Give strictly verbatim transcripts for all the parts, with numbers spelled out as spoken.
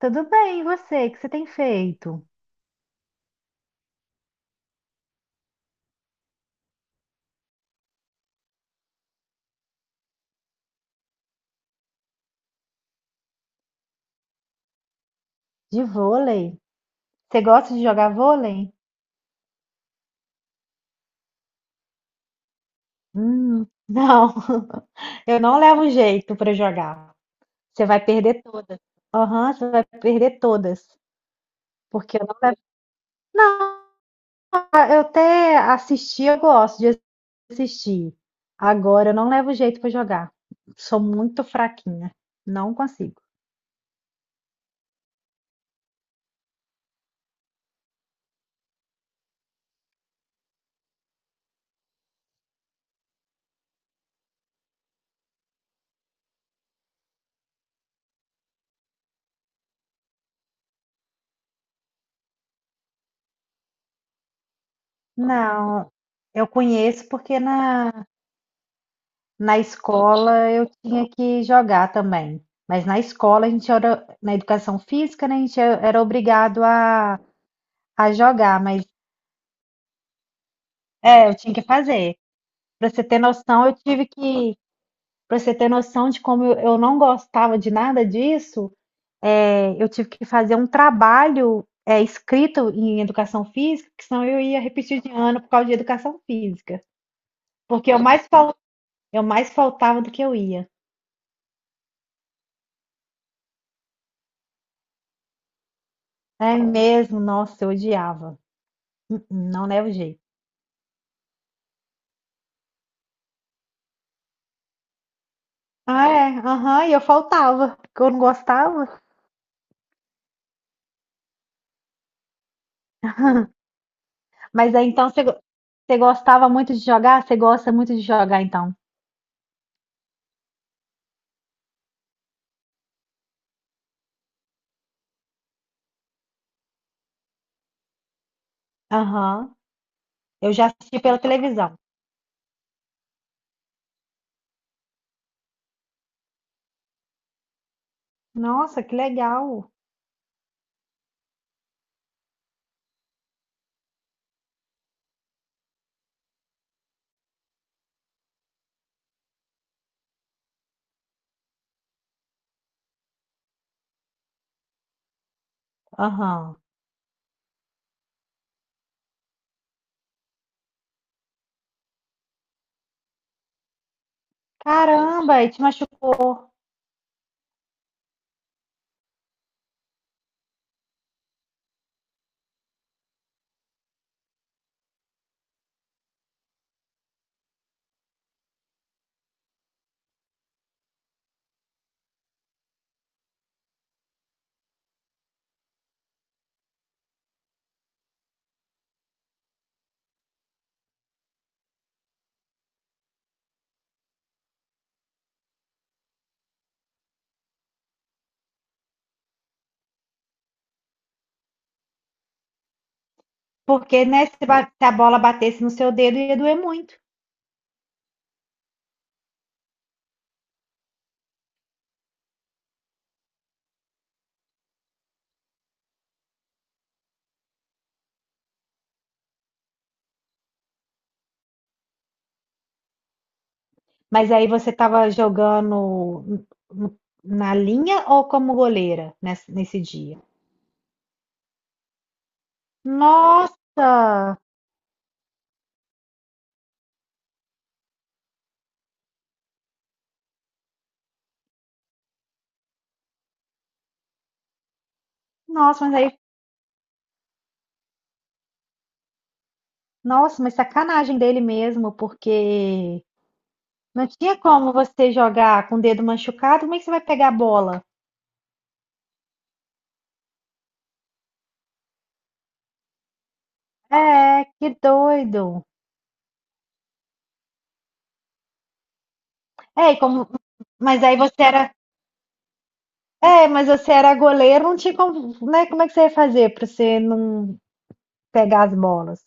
Tudo bem, e você? O que você tem feito? De vôlei? Você gosta de jogar vôlei? Hum, não. Eu não levo jeito para jogar. Você vai perder todas. Aham, você vai perder todas. Porque eu não levo. Não, eu até assistir, eu gosto de assistir. Agora eu não levo jeito para jogar. Sou muito fraquinha. Não consigo. Não, eu conheço porque na Na escola eu tinha que jogar também, mas na escola a gente era, na educação física, né, a gente era obrigado a, a jogar, mas é, eu tinha que fazer. Para você ter noção, eu tive que, para você ter noção de como eu, eu não gostava de nada disso, é, eu tive que fazer um trabalho é, escrito em educação física, que senão eu ia repetir de ano por causa de educação física, porque eu mais, fal- eu mais faltava do que eu ia. É mesmo, nossa, eu odiava. Hum, hum. Não leva jeito. Ah, é? Aham, e eu faltava, porque eu não gostava. Mas aí então você, go- você gostava muito de jogar? Você gosta muito de jogar então? Aham. Eu já assisti pela televisão. Nossa, que legal. Aham. Caramba, e te machucou. Porque, né, se ba- se a bola batesse no seu dedo ia doer muito. Mas aí você estava jogando n- n- na linha ou como goleira nesse, nesse dia? Nossa! Nossa, mas aí. Nossa, mas sacanagem dele mesmo, porque não tinha como você jogar com o dedo machucado, como é que você vai pegar a bola? É, que doido. É, e como mas aí você era, é, mas você era goleiro, não tinha como, né? Como é que você ia fazer para você não pegar as bolas?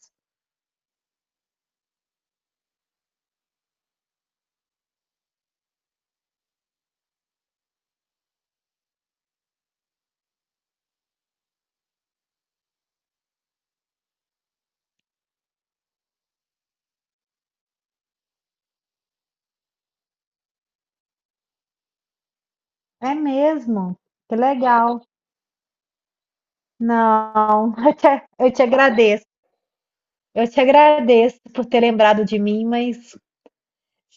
É mesmo. Que legal. Não, eu te, eu te agradeço. Eu te agradeço por ter lembrado de mim, mas se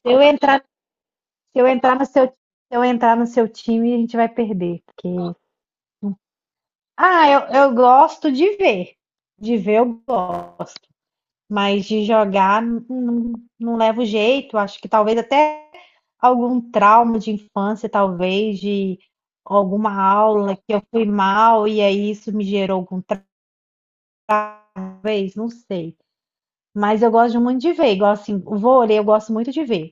eu entrar. Se eu entrar no seu, se eu entrar no seu time, a gente vai perder. Porque... Ah, eu, eu gosto de ver. De ver eu gosto. Mas de jogar n- não, não levo jeito. Acho que talvez até algum trauma de infância, talvez, de alguma aula que eu fui mal e aí isso me gerou algum trauma, talvez, não sei. Mas eu gosto muito de ver, igual assim, o vôlei eu gosto muito de ver.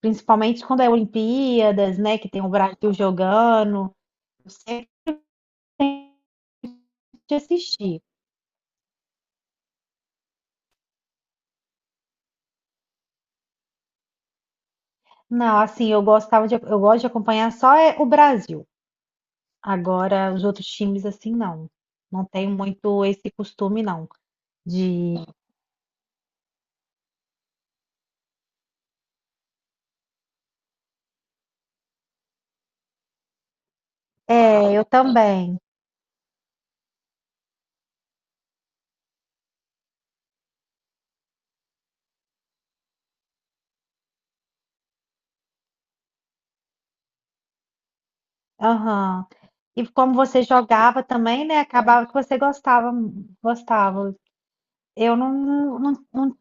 Principalmente quando é Olimpíadas, né? Que tem o Brasil jogando. Eu sempre assisti. Não, assim, eu gostava de, eu gosto de acompanhar só é o Brasil. Agora, os outros times, assim, não. Não tenho muito esse costume, não. De. É, eu também. Aham. E como você jogava também, né? Acabava que você gostava, gostava. Eu não, não- não-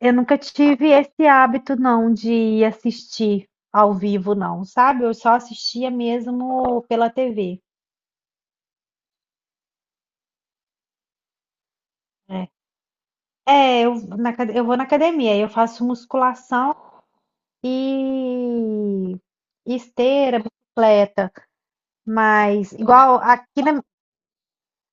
eu nunca tive esse hábito, não, de assistir ao vivo, não, sabe? Eu só assistia mesmo pela T V. É, é, eu, na acad- eu vou na academia, eu faço musculação. E esteira, bicicleta, mas igual aqui na,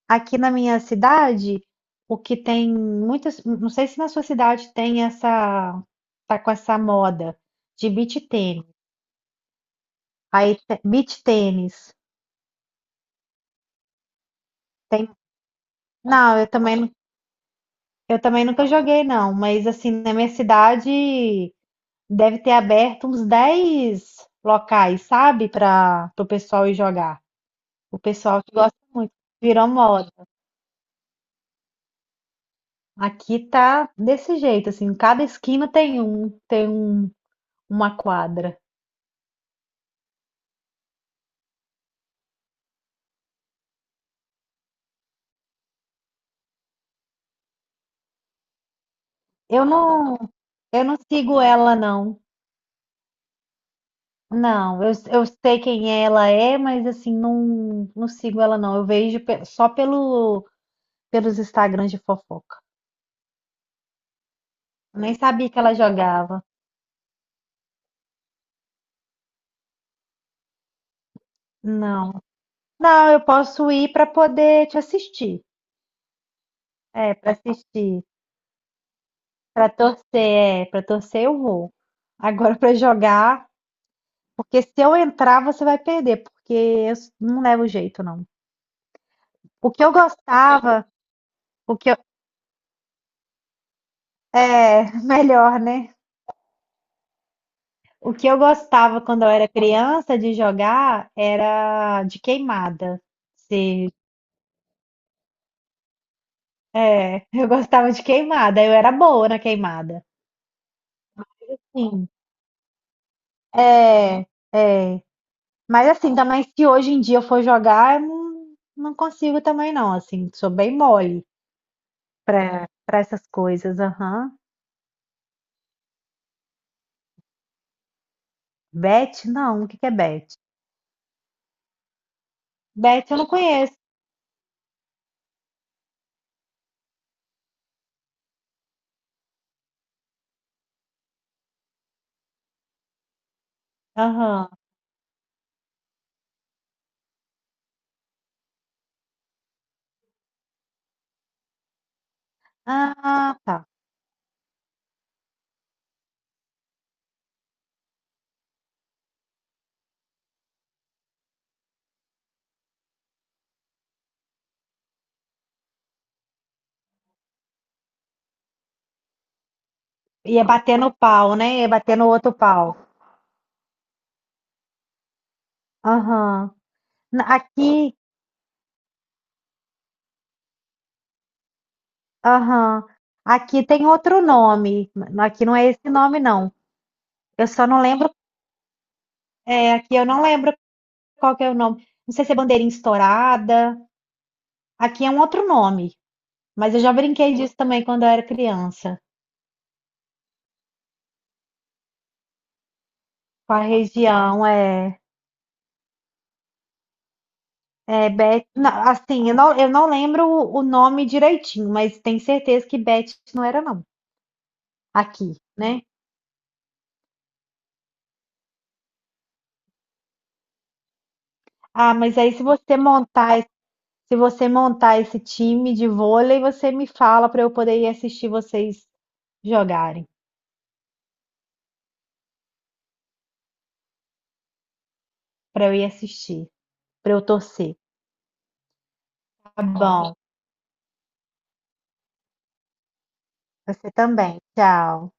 aqui na minha cidade, o que tem muitas, não sei se na sua cidade tem essa, tá com essa moda de beach tênis. Aí te- beach tênis. Tem, não, eu também, nu- eu também nunca joguei não, mas assim, na minha cidade deve ter aberto uns dez locais, sabe, para o pessoal ir jogar. O pessoal que gosta muito, virou moda. Aqui tá desse jeito, assim, cada esquina tem um, tem um, uma quadra. Eu não, eu não sigo ela, não. Não, eu, eu sei quem ela é, mas assim, não, não sigo ela, não. Eu vejo pe- só pelo, pelos Instagrams de fofoca. Eu nem sabia que ela jogava. Não. Não, eu posso ir pra poder te assistir. É, pra assistir. Pra torcer, é, para torcer eu vou. Agora pra jogar. Porque se eu entrar, você vai perder, porque eu s- não levo jeito, não. O que eu gostava, o que eu, é, melhor, né? O que eu gostava quando eu era criança de jogar era de queimada. Se, é, eu gostava de queimada, eu era boa na queimada. Sim, é, é. Mas assim, também se hoje em dia eu for jogar, eu não, não consigo também não, assim, sou bem mole para para essas coisas, aham. Bet, não, o que que é bet? Beth eu não conheço. Aham. Ah, tá. Ia bater no pau, né? Ia bater no outro pau. Aham. Na- Aqui, aham. Aqui tem outro nome. Aqui não é esse nome, não. Eu só não lembro. É, aqui eu não lembro qual que é o nome. Não sei se é bandeirinha estourada. Aqui é um outro nome. Mas eu já brinquei disso também quando eu era criança. Com a região, é. É, Beth. Não, assim, eu não, eu não lembro o o nome direitinho, mas tenho certeza que Beth não era, não. Aqui, né? Ah, mas aí se você montar, se você montar esse time de vôlei, você me fala para eu poder ir assistir vocês jogarem, para eu ir assistir, para eu torcer. Tá bom. Você também. Tchau.